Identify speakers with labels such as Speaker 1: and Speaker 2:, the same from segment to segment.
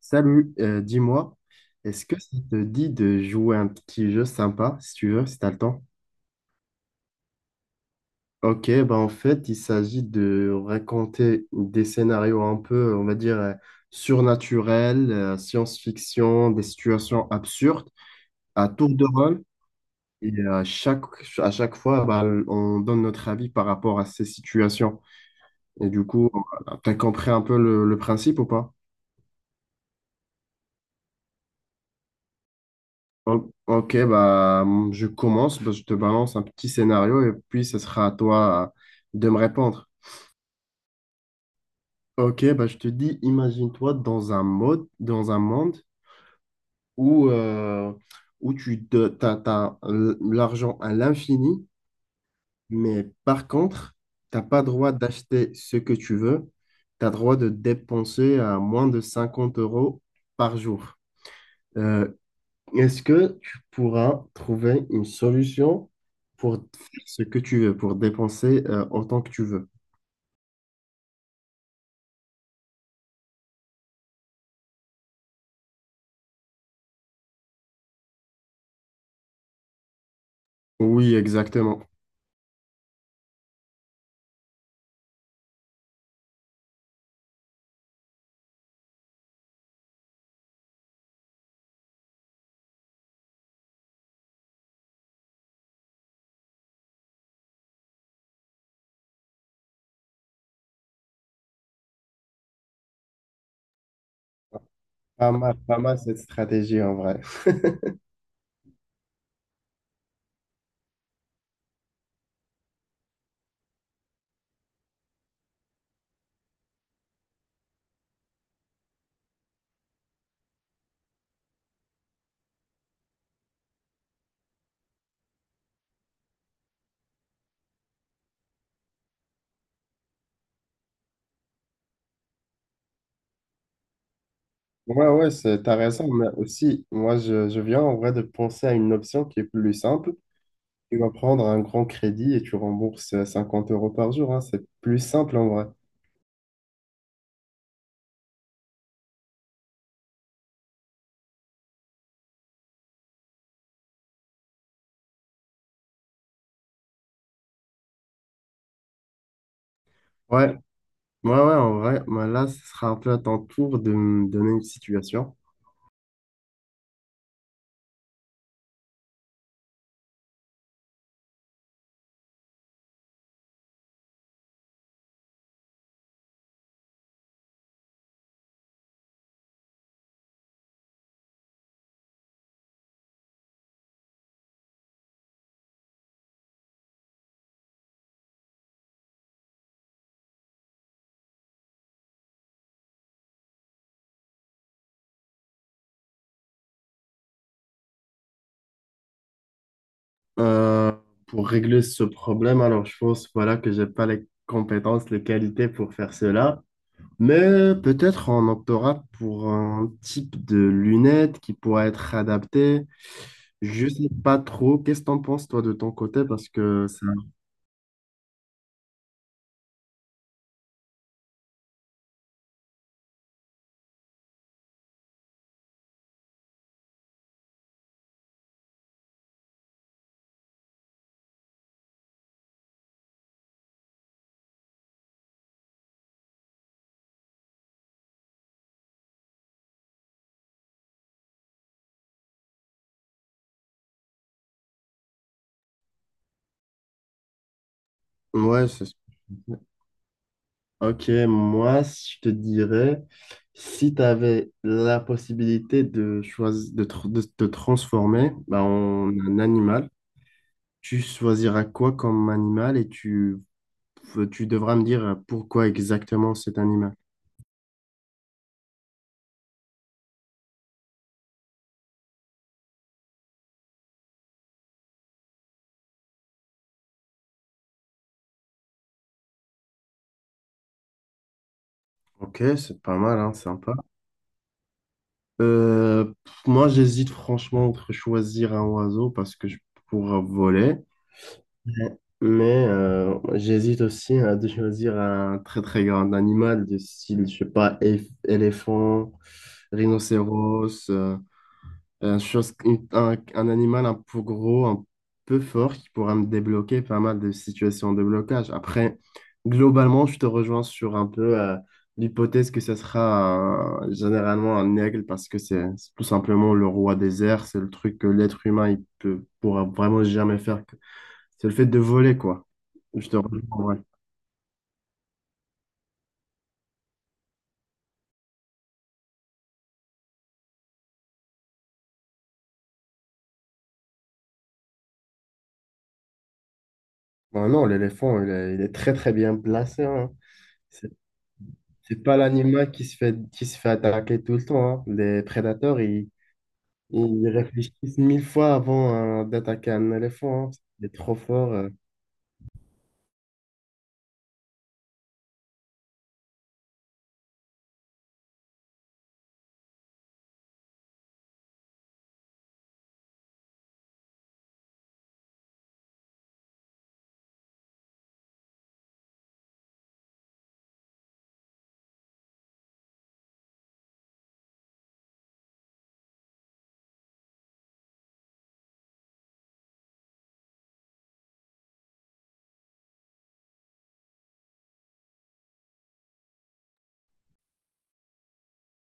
Speaker 1: Salut, dis-moi, est-ce que ça te dit de jouer un petit jeu sympa, si tu veux, si t'as le temps? Ok, bah en fait, il s'agit de raconter des scénarios un peu, on va dire, surnaturels, science-fiction, des situations absurdes, à tour de rôle. Et à chaque, à chaque fois, bah, on donne notre avis par rapport à ces situations. Et du coup, voilà, t'as compris un peu le principe ou pas? Ok, bah, je commence, bah, je te balance un petit scénario et puis ce sera à toi de me répondre. Ok, bah, je te dis, imagine-toi dans un mode, dans un monde où, euh, où t'as l'argent à l'infini, mais par contre, t'as pas droit d'acheter ce que tu veux, tu as droit de dépenser à moins de 50 € par jour. Euh, Est-ce que tu pourras trouver une solution pour faire ce que tu veux, pour dépenser autant que tu veux? Oui, exactement. Pas mal, pas mal cette stratégie en vrai. Ouais, ouais, t'as raison, mais aussi, je viens en vrai de penser à une option qui est plus simple. Tu vas prendre un grand crédit et tu rembourses 50 € par jour, hein. C'est plus simple en vrai. Ouais, ouais, ouais, en vrai, bah là, ce sera un peu à ton tour de me donner une situation. Euh, pour régler ce problème, alors je pense voilà que j'ai pas les compétences, les qualités pour faire cela, mais peut-être on optera pour un type de lunettes qui pourra être adapté. Je sais pas trop. Qu'est-ce que t'en penses toi de ton côté? Parce que ça... ouais, c'est... ok. Moi, je te dirais si tu avais la possibilité de choisir de te transformer bah, en un animal. Tu choisiras quoi comme animal et tu devras me dire pourquoi exactement cet animal. Ok, c'est pas mal, hein, sympa. Pff, moi, j'hésite franchement entre choisir un oiseau parce que je pourrais voler. Ouais. Mais j'hésite aussi à de choisir un très très grand animal du style, je sais pas, éléphant, rhinocéros, un animal un peu gros, un peu fort, qui pourra me débloquer pas mal de situations de blocage. Après, globalement, je te rejoins sur un peu l'hypothèse que ce sera généralement un aigle parce que c'est tout simplement le roi des airs. C'est le truc que l'être humain pourra vraiment jamais faire. C'est le fait de voler, quoi. Je te rejoins en vrai. Bon, non, l'éléphant, il est très très bien placé, hein. C'est c'est pas l'animal qui se fait attaquer tout le temps, hein. Les prédateurs, ils et ils réfléchissent 1000 fois avant d'attaquer un éléphant. Il est trop fort,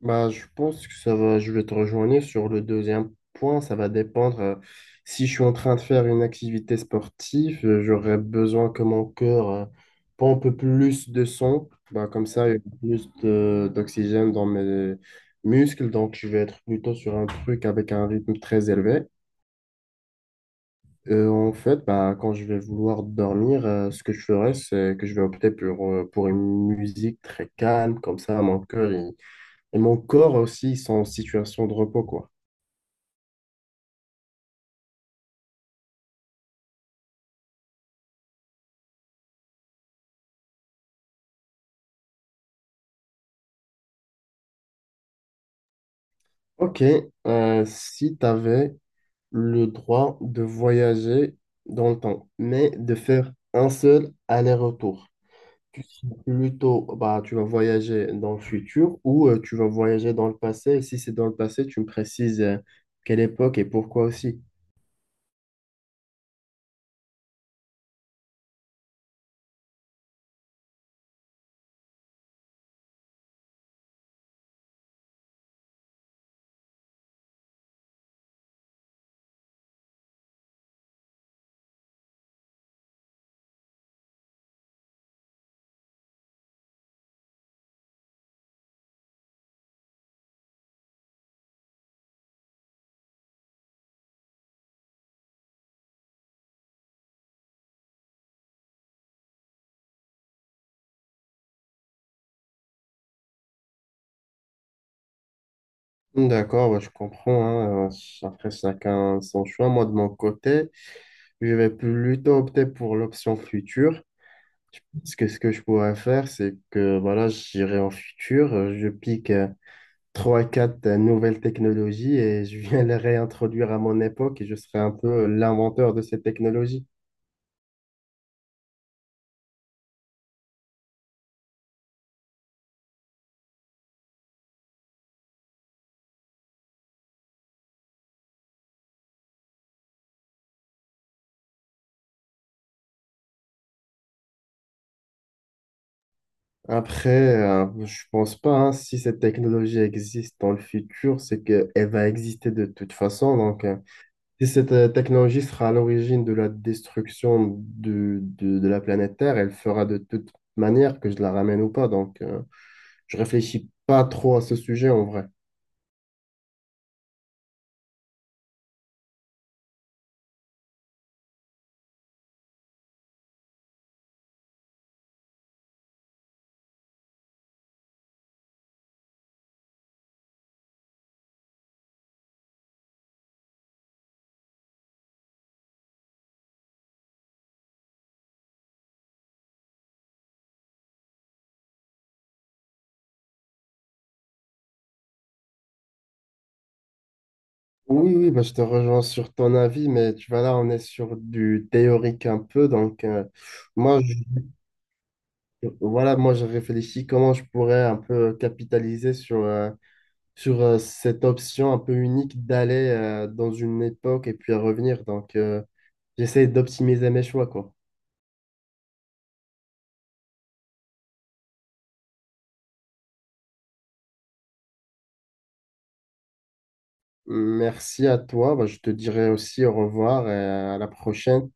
Speaker 1: Bah, je pense que ça va, je vais te rejoindre sur le deuxième point. Ça va dépendre, si je suis en train de faire une activité sportive, j'aurai besoin que mon cœur pompe plus de sang. Bah, comme ça, il y a d'oxygène dans mes muscles. Donc, je vais être plutôt sur un truc avec un rythme très élevé. En fait, bah, quand je vais vouloir dormir, ce que je ferai, c'est que je vais opter pour une musique très calme, comme ça, et mon corps aussi ils sont en situation de repos, quoi. Ok, si tu avais le droit de voyager dans le temps, mais de faire un seul aller-retour, tu serais plutôt, bah, tu vas voyager dans le futur ou tu vas voyager dans le passé, et si c'est dans le passé, tu me précises quelle époque et pourquoi aussi. D'accord, ouais, je comprends, hein. Après, chacun son choix. Moi, de mon côté, je vais plutôt opter pour l'option future. Parce que ce que je pourrais faire, c'est que voilà, j'irai en futur, je pique trois, quatre nouvelles technologies et je viens les réintroduire à mon époque et je serai un peu l'inventeur de ces technologies. Après, je pense pas, hein, si cette technologie existe dans le futur, c'est qu'elle va exister de toute façon. Donc, si cette technologie sera à l'origine de la destruction de la planète Terre, elle fera de toute manière que je la ramène ou pas. Donc, je réfléchis pas trop à ce sujet en vrai. Oui, oui, bah, je te rejoins sur ton avis, mais tu vois, là, on est sur du théorique un peu. Donc, moi, moi, je réfléchis comment je pourrais un peu capitaliser sur, sur cette option un peu unique d'aller dans une époque et puis à revenir. Donc, j'essaie d'optimiser mes choix, quoi. Merci à toi. Bah, je te dirai aussi au revoir et à la prochaine.